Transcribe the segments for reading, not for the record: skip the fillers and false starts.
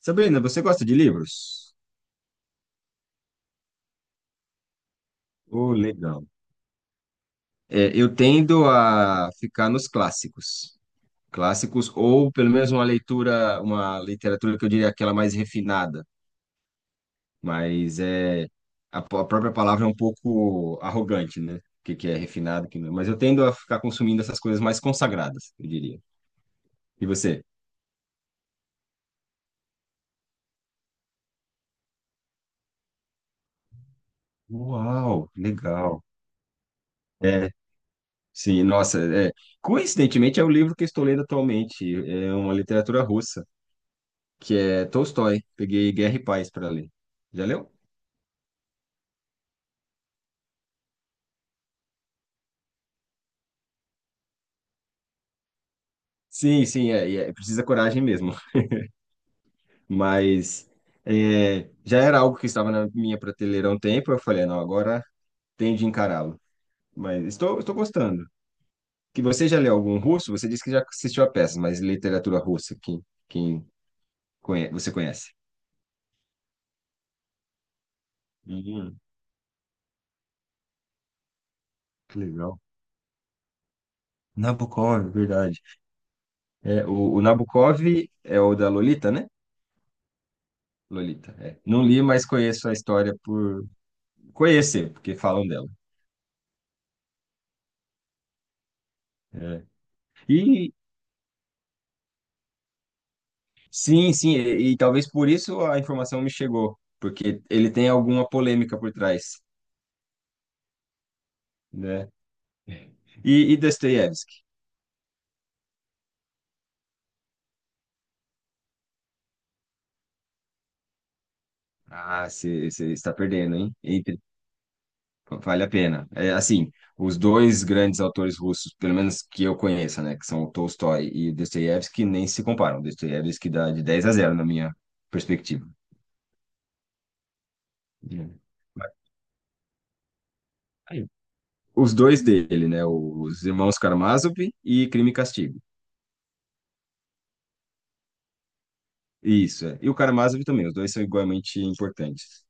Sabrina, você gosta de livros? Oh, legal. É, eu tendo a ficar nos clássicos. Clássicos, ou pelo menos uma leitura, uma literatura que eu diria aquela mais refinada, mas é a própria palavra é um pouco arrogante, né? O que é refinado, o que não. é. Mas eu tendo a ficar consumindo essas coisas mais consagradas, eu diria. E você? Uau, legal. É, sim, nossa, é. Coincidentemente é o livro que eu estou lendo atualmente, é uma literatura russa. Que é Tolstói. Peguei Guerra e Paz para ler. Já leu? Sim, sim, é, e é, precisa coragem mesmo. Mas é, já era algo que estava na minha prateleira há um tempo. Eu falei, não, agora tenho de encará-lo. Mas estou gostando. Que você já leu algum russo? Você disse que já assistiu a peça, mas literatura russa, quem você conhece? Uhum, que legal. Nabokov, verdade. É, o Nabokov é o da Lolita, né? Lolita, é. Não li, mas conheço a história por conhecer, porque falam dela. É. E sim, sim, e talvez por isso a informação me chegou, porque ele tem alguma polêmica por trás, né? E Dostoiévski? Ah, você está perdendo, hein? Vale a pena. É, assim, os dois grandes autores russos, pelo menos que eu conheça, né, que são o Tolstói e o Dostoiévski, nem se comparam. Dostoiévski dá de 10 a zero na minha perspectiva. É. Mas, aí, os dois dele, né? Os Irmãos Karamazov e Crime e Castigo. Isso, é. E o Karamazov também, os dois são igualmente importantes.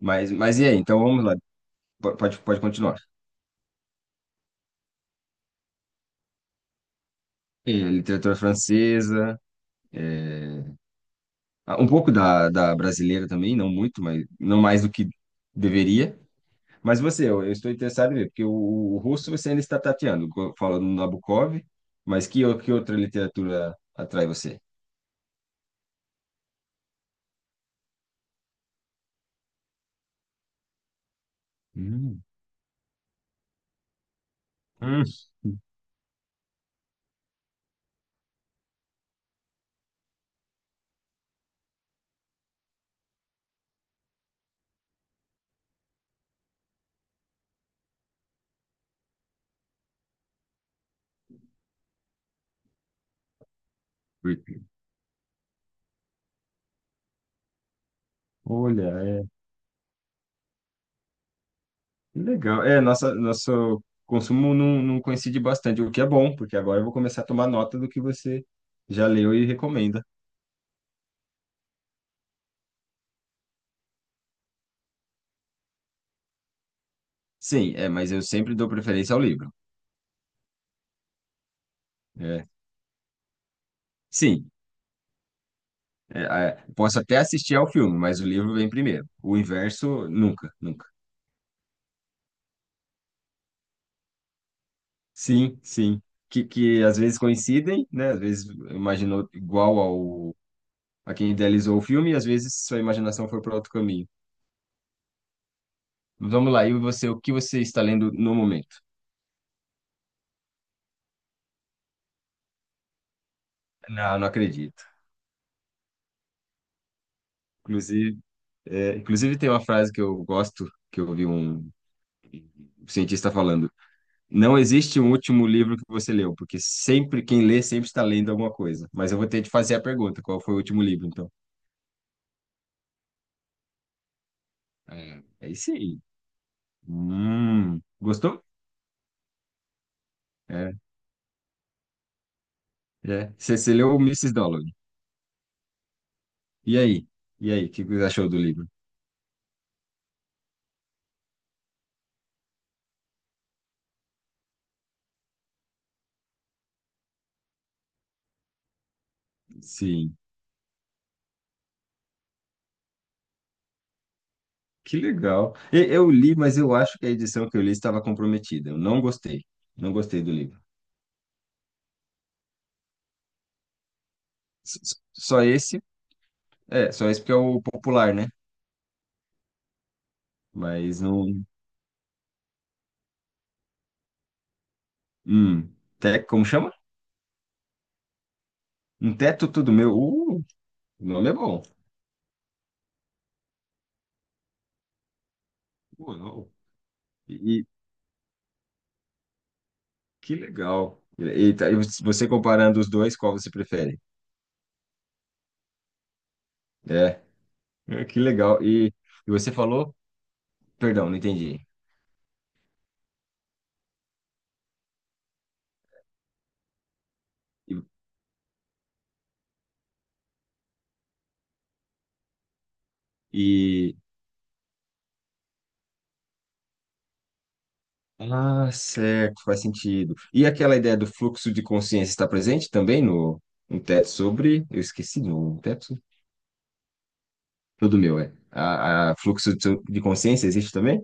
Mas, e aí? Então vamos lá, pode continuar. E literatura francesa, ah, um pouco da brasileira também, não muito, mas não mais do que deveria. Mas você, eu estou interessado em ver, porque o russo você ainda está tateando, falando no Nabokov, mas que, que outra literatura atrai você? Hum. Hum. Olha, legal. É, nossa, nosso consumo não coincide bastante, o que é bom, porque agora eu vou começar a tomar nota do que você já leu e recomenda. Sim, é, mas eu sempre dou preferência ao livro. É, sim, é, é, posso até assistir ao filme, mas o livro vem primeiro. O inverso, nunca, nunca. Sim, sim. Que às vezes coincidem, né? Às vezes imaginou igual ao a quem idealizou o filme, e às vezes sua imaginação foi para outro caminho. Vamos lá, e você, o que você está lendo no momento? Não, não acredito. Inclusive, é, inclusive, tem uma frase que eu gosto, que eu ouvi um cientista falando: não existe um último livro que você leu, porque sempre quem lê sempre está lendo alguma coisa. Mas eu vou ter de fazer a pergunta: qual foi o último livro, então? É, é isso aí. Gostou? É, é. Você, você leu o Mrs. Dalloway. E aí? E aí, o que você achou do livro? Sim, que legal. Eu li, mas eu acho que a edição que eu li estava comprometida. Eu não gostei. Não gostei do livro. Só esse? É, só esse porque é o popular, né? Mas não. Hum, te, como chama? Um teto tudo meu. O nome é bom. Não. E, e que legal. E, e você comparando os dois, qual você prefere? É, é, que legal. E você falou? Perdão, não entendi. E, e- Ah, certo, faz sentido. E aquela ideia do fluxo de consciência está presente também no um teto sobre. Eu esqueci, no teto tudo meu, é. A fluxo de consciência existe também?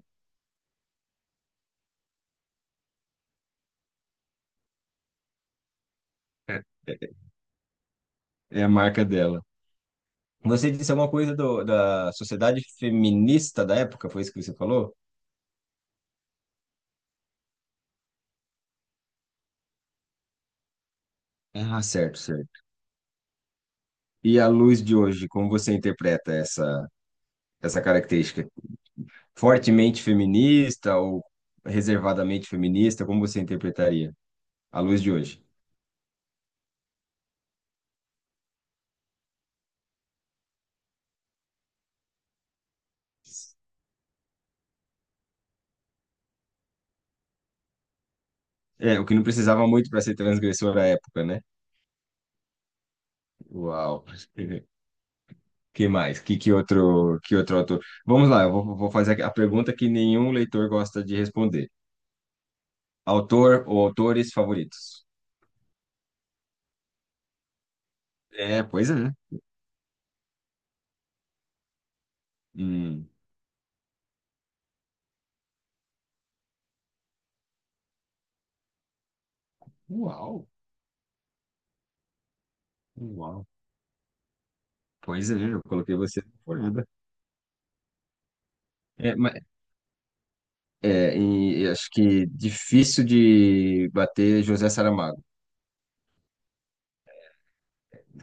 É. É a marca dela. Você disse alguma coisa da sociedade feminista da época, foi isso que você falou? Ah, certo, certo. E à luz de hoje, como você interpreta essa característica? Fortemente feminista ou reservadamente feminista? Como você interpretaria à luz de hoje? É, o que não precisava muito para ser transgressor à época, né? Uau. Que mais? Que outro autor? Vamos lá, vou fazer a pergunta que nenhum leitor gosta de responder. Autor ou autores favoritos? É, pois é. Hum, uau, uau. Pois é, eu coloquei você na folhada. É, mas, é, e acho que difícil de bater José Saramago.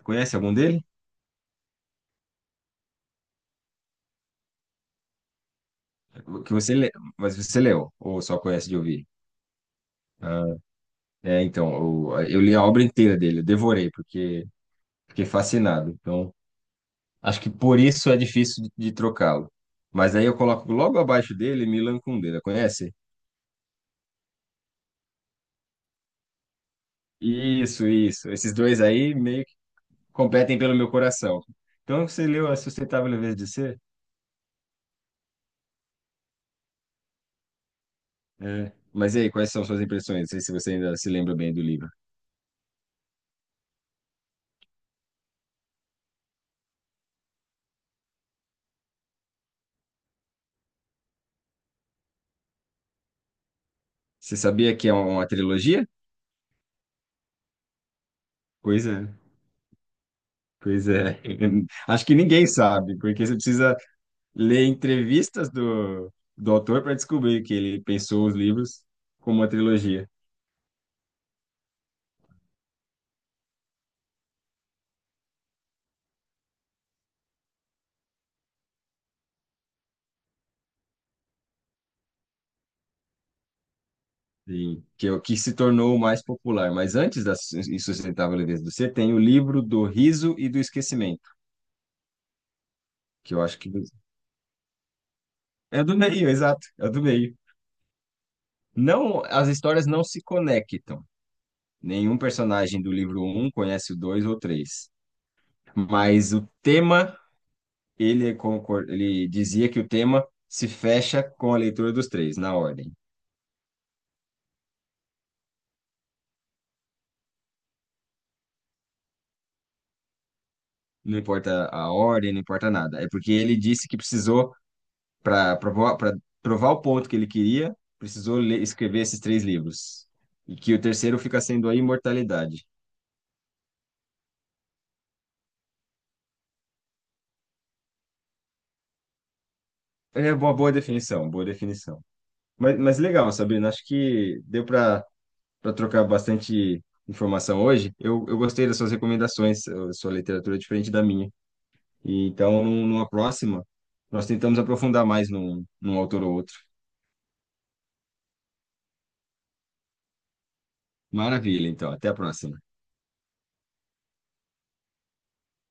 Conhece algum dele? Que você lê, mas você leu, ou só conhece de ouvir? Ah, é, então, eu li a obra inteira dele, eu devorei, porque fiquei fascinado. Então, acho que por isso é difícil de trocá-lo. Mas aí eu coloco logo abaixo dele Milan Kundera, conhece? Isso, isso. Esses dois aí, meio competem pelo meu coração. Então, você leu A Sustentável Leveza de Ser? É. Mas e aí, quais são suas impressões? Não sei se você ainda se lembra bem do livro. Você sabia que é uma trilogia? Pois é. Pois é. Acho que ninguém sabe, porque você precisa ler entrevistas do autor para descobrir que ele pensou os livros como uma trilogia. E que é o que se tornou o mais popular. Mas antes da Insustentável Leveza do Ser, tem o livro do Riso e do Esquecimento, que eu acho que é do meio, exato, é do meio. Não, as histórias não se conectam. Nenhum personagem do livro um conhece o 2 ou 3. Mas o tema, ele, é ele dizia que o tema se fecha com a leitura dos três, na ordem. Não importa a ordem, não importa nada. É porque ele disse que precisou, para provar o ponto que ele queria, precisou escrever esses três livros. E que o terceiro fica sendo a imortalidade. É uma boa definição, boa definição. Mas, legal, Sabrina, acho que deu para trocar bastante informação hoje. Eu gostei das suas recomendações, a sua literatura é diferente da minha. E então, numa próxima, nós tentamos aprofundar mais num, num autor ou outro. Maravilha, então. Até a próxima.